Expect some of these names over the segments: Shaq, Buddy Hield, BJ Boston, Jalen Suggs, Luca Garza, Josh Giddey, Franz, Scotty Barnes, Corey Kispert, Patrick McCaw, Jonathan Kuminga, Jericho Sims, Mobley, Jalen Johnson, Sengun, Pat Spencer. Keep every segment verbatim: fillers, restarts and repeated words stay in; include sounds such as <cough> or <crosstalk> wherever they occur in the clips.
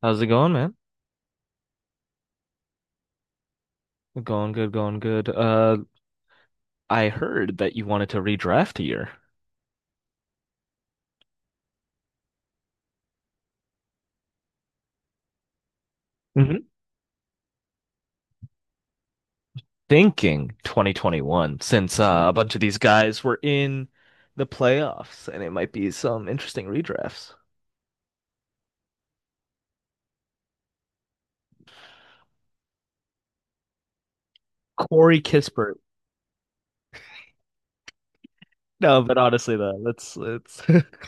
How's it going, man? Going good, going good. Uh, I heard that you wanted to redraft here. hmm Thinking twenty twenty-one, since uh, a bunch of these guys were in the playoffs, and it might be some interesting redrafts. Corey Kispert. No, but honestly, though, let's let's. <laughs>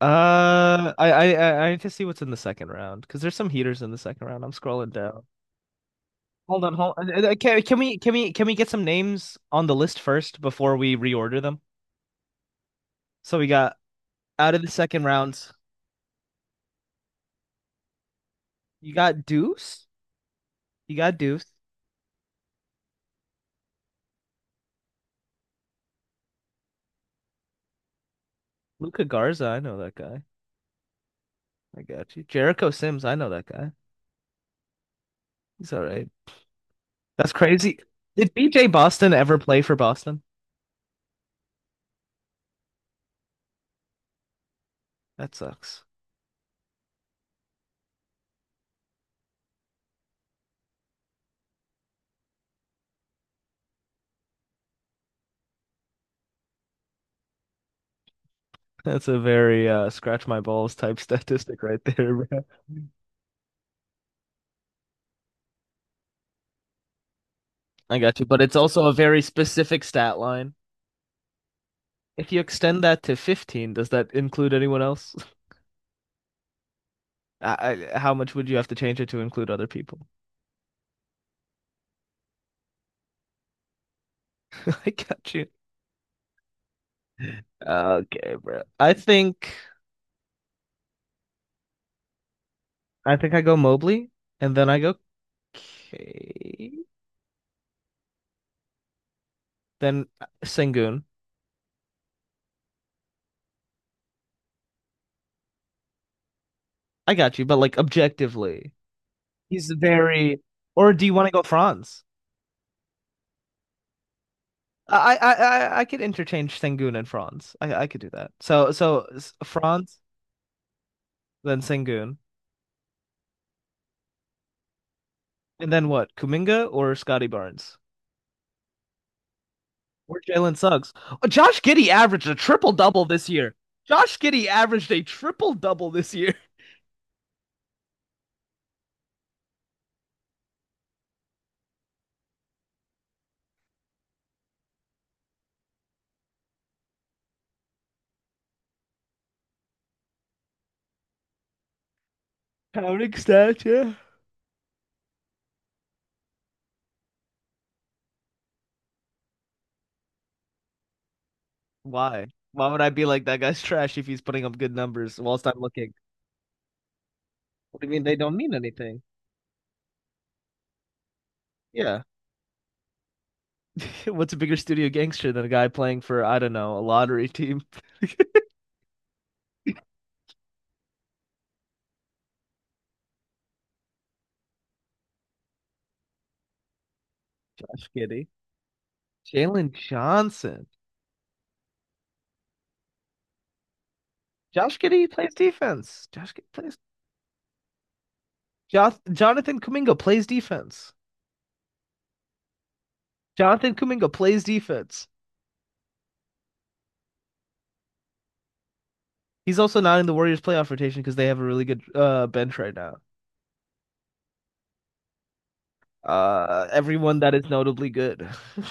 Uh, I I I I need to see what's in the second round because there's some heaters in the second round. I'm scrolling down. Hold on, hold on. Uh, uh, Can, can we can we can we get some names on the list first before we reorder them? So we got out of the second rounds, you got Deuce. You got Deuce. Luca Garza, I know that guy. I got you. Jericho Sims, I know that guy. He's all right. That's crazy. Did B J Boston ever play for Boston? That sucks. <laughs> That's a very uh, scratch my balls type <laughs> statistic right there, <laughs> bro. I got you. But it's also a very specific stat line. If you extend that to fifteen, does that include anyone else? <laughs> I, I, how much would you have to change it to include other people? <laughs> I got you. Okay, bro. I think I think I go Mobley, and then I go K, then Sengun. I got you, but like objectively, he's very. Or do you want to go Franz? I I I, I could interchange Sengun and Franz. I I could do that. So so s- Franz, then Sengun, and then what? Kuminga or Scotty Barnes or Jalen Suggs? Oh, Josh Giddey averaged a triple double this year. Josh Giddey averaged a triple double this year. <laughs> Counting stats, yeah. Why? Why would I be like that guy's trash if he's putting up good numbers whilst I'm looking? What do you mean they don't mean anything? Yeah. <laughs> What's a bigger studio gangster than a guy playing for, I don't know, a lottery team? <laughs> Josh Giddey. Jalen Johnson. Josh Giddey plays defense. Josh Giddey plays. Jo Jonathan Kuminga plays defense. Jonathan Kuminga plays defense. He's also not in the Warriors playoff rotation because they have a really good uh, bench right now. Uh, everyone that is notably good. <laughs>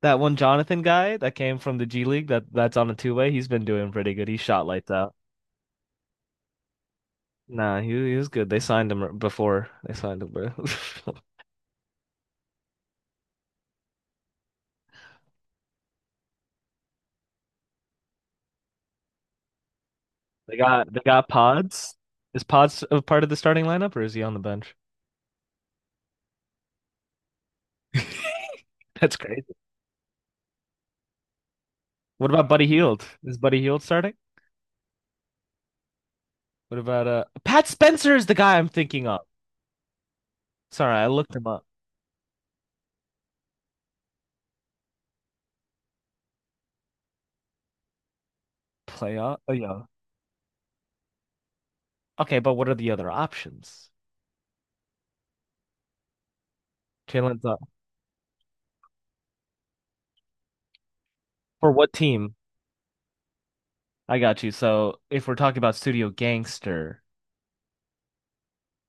That one Jonathan guy that came from the G League that that's on a two-way, he's been doing pretty good. He shot lights out. Nah, he he was good. They signed him before they signed him, bro. <laughs> They got they got Pods. Is Pods a part of the starting lineup or is he on the bench? That's crazy. What about Buddy Hield? Is Buddy Hield starting? What about uh Pat Spencer is the guy I'm thinking of. Sorry, I looked him up. Playoff. Oh yeah. Okay, but what are the other options? Jalen's up. For what team? I got you. So if we're talking about Studio Gangster,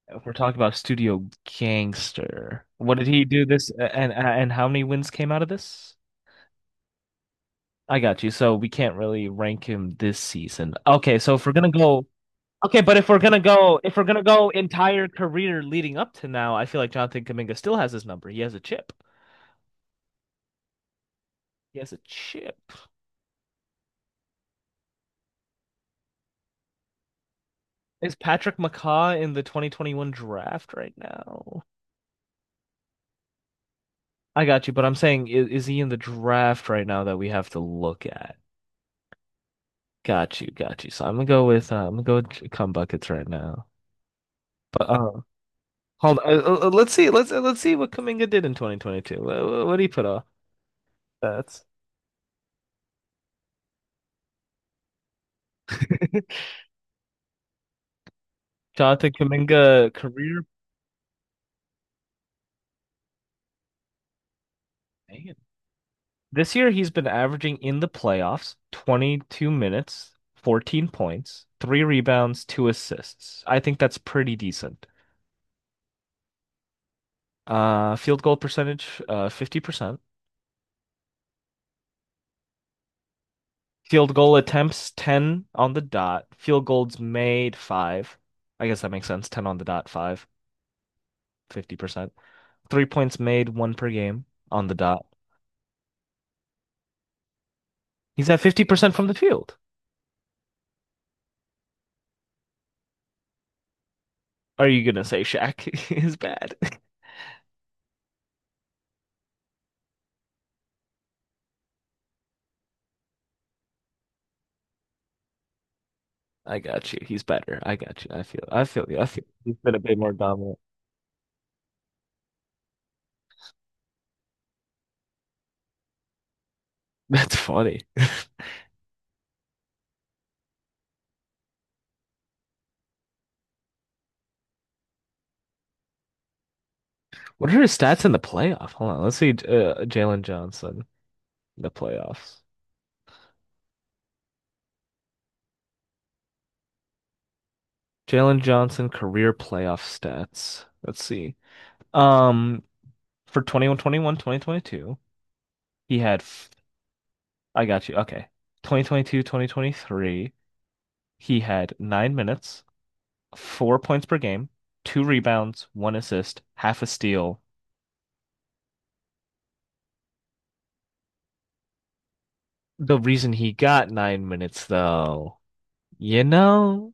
If we're talking about Studio Gangster, what did he do this and and how many wins came out of this? I got you. So we can't really rank him this season. Okay, so if we're gonna go, okay, but if we're gonna go, if we're gonna go entire career leading up to now, I feel like Jonathan Kuminga still has his number. He has a chip. He has a chip. Is Patrick McCaw in the twenty twenty-one draft right now? I got you, but I'm saying is, is he in the draft right now that we have to look at? Got you, got you. So I'm gonna go with uh, I'm gonna go with J- cum buckets right now. But uh, hold on. Uh, uh, uh, let's see. Let's uh, let's see what Kuminga did in twenty twenty-two. What, what did he put off? That's <laughs> Jonathan Kuminga career. Man. This year he's been averaging in the playoffs twenty-two minutes, fourteen points, three rebounds, two assists. I think that's pretty decent. Uh, field goal percentage, uh, fifty percent. Field goal attempts ten on the dot. Field goals made five. I guess that makes sense. ten on the dot, five, fifty percent. Three points made, one per game on the dot. He's at fifty percent from the field. Are you gonna say Shaq <laughs> is bad? I got you. He's better. I got you. I feel I feel you. I feel he's been a bit more dominant. That's funny. What are his stats in the playoff? Hold on. Let's see uh, Jalen Johnson in the playoffs. Jalen Johnson career playoff stats. Let's see. Um, for twenty-one twenty-one, he had, f- I got you. Okay. Twenty twenty two, twenty twenty three, he had nine minutes, four points per game, two rebounds, one assist, half a steal. The reason he got nine minutes, though, you know,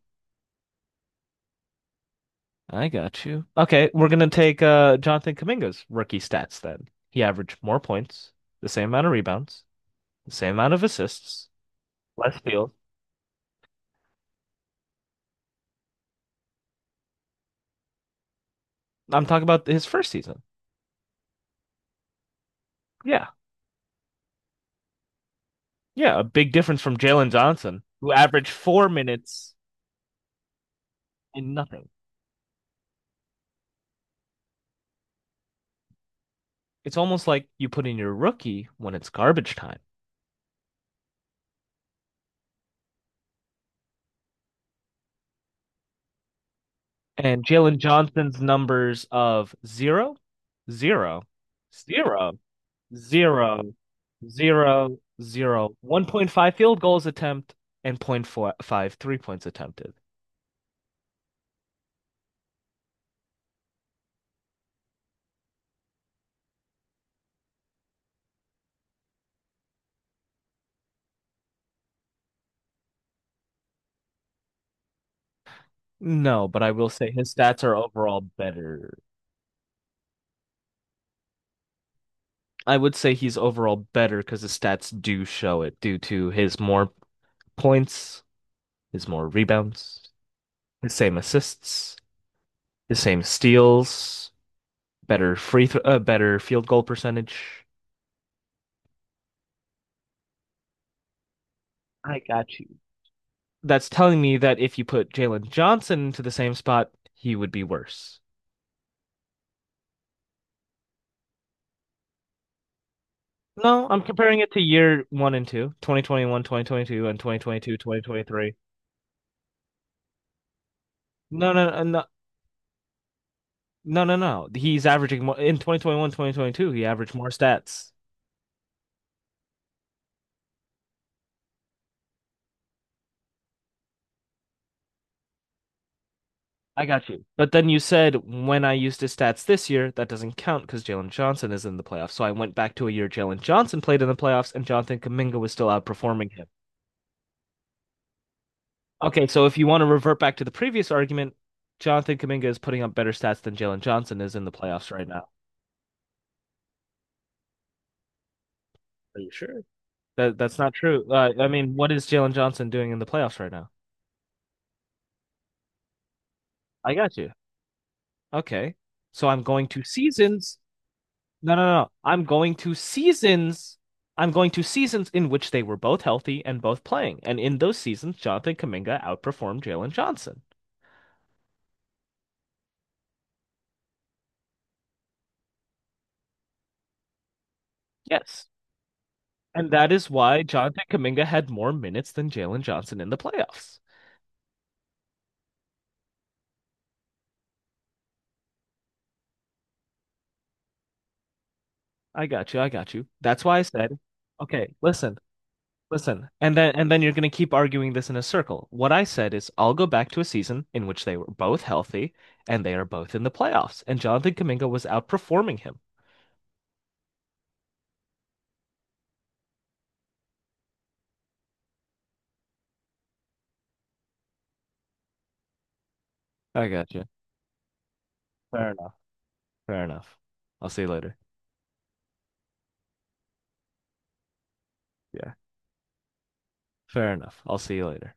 I got you. Okay. We're going to take uh, Jonathan Kuminga's rookie stats then. He averaged more points, the same amount of rebounds, the same amount of assists, less steals. I'm talking about his first season. Yeah. Yeah, a big difference from Jalen Johnson, who averaged four minutes and nothing. It's almost like you put in your rookie when it's garbage time. And Jalen Johnson's numbers of zero, zero, zero, zero, zero, zero, one point five field goals attempt and zero point point five three points attempted. No, but I will say his stats are overall better. I would say he's overall better because the stats do show it due to his more points is more rebounds, the same assists, the same steals, better free throw, uh, better field goal percentage. I got you. That's telling me that if you put Jalen Johnson into the same spot, he would be worse. No, I'm comparing it to year one and two, twenty twenty one, twenty twenty two, and twenty twenty two, twenty twenty three. No, no, no, no, no, no. No. He's averaging more in twenty twenty one, twenty twenty two. He averaged more stats. I got you. But then you said when I used his stats this year, that doesn't count because Jalen Johnson is in the playoffs. So I went back to a year Jalen Johnson played in the playoffs and Jonathan Kaminga was still outperforming him. Okay, so if you want to revert back to the previous argument, Jonathan Kaminga is putting up better stats than Jalen Johnson is in the playoffs right now. Are you sure? That that's not true. Uh, I mean, what is Jalen Johnson doing in the playoffs right now? I got you. Okay. So I'm going to seasons. No, no, no. I'm going to seasons. I'm going to seasons in which they were both healthy and both playing. And in those seasons, Jonathan Kaminga outperformed Jalen Johnson. Yes. And that is why Jonathan Kaminga had more minutes than Jalen Johnson in the playoffs. I got you. I got you. That's why I said, okay, listen, listen. And then and then you're going to keep arguing this in a circle. What I said is I'll go back to a season in which they were both healthy and they are both in the playoffs. And Jonathan Kaminga was outperforming him. I got you. All right. Fair enough. I'll see you later. Yeah. Fair enough. I'll see you later.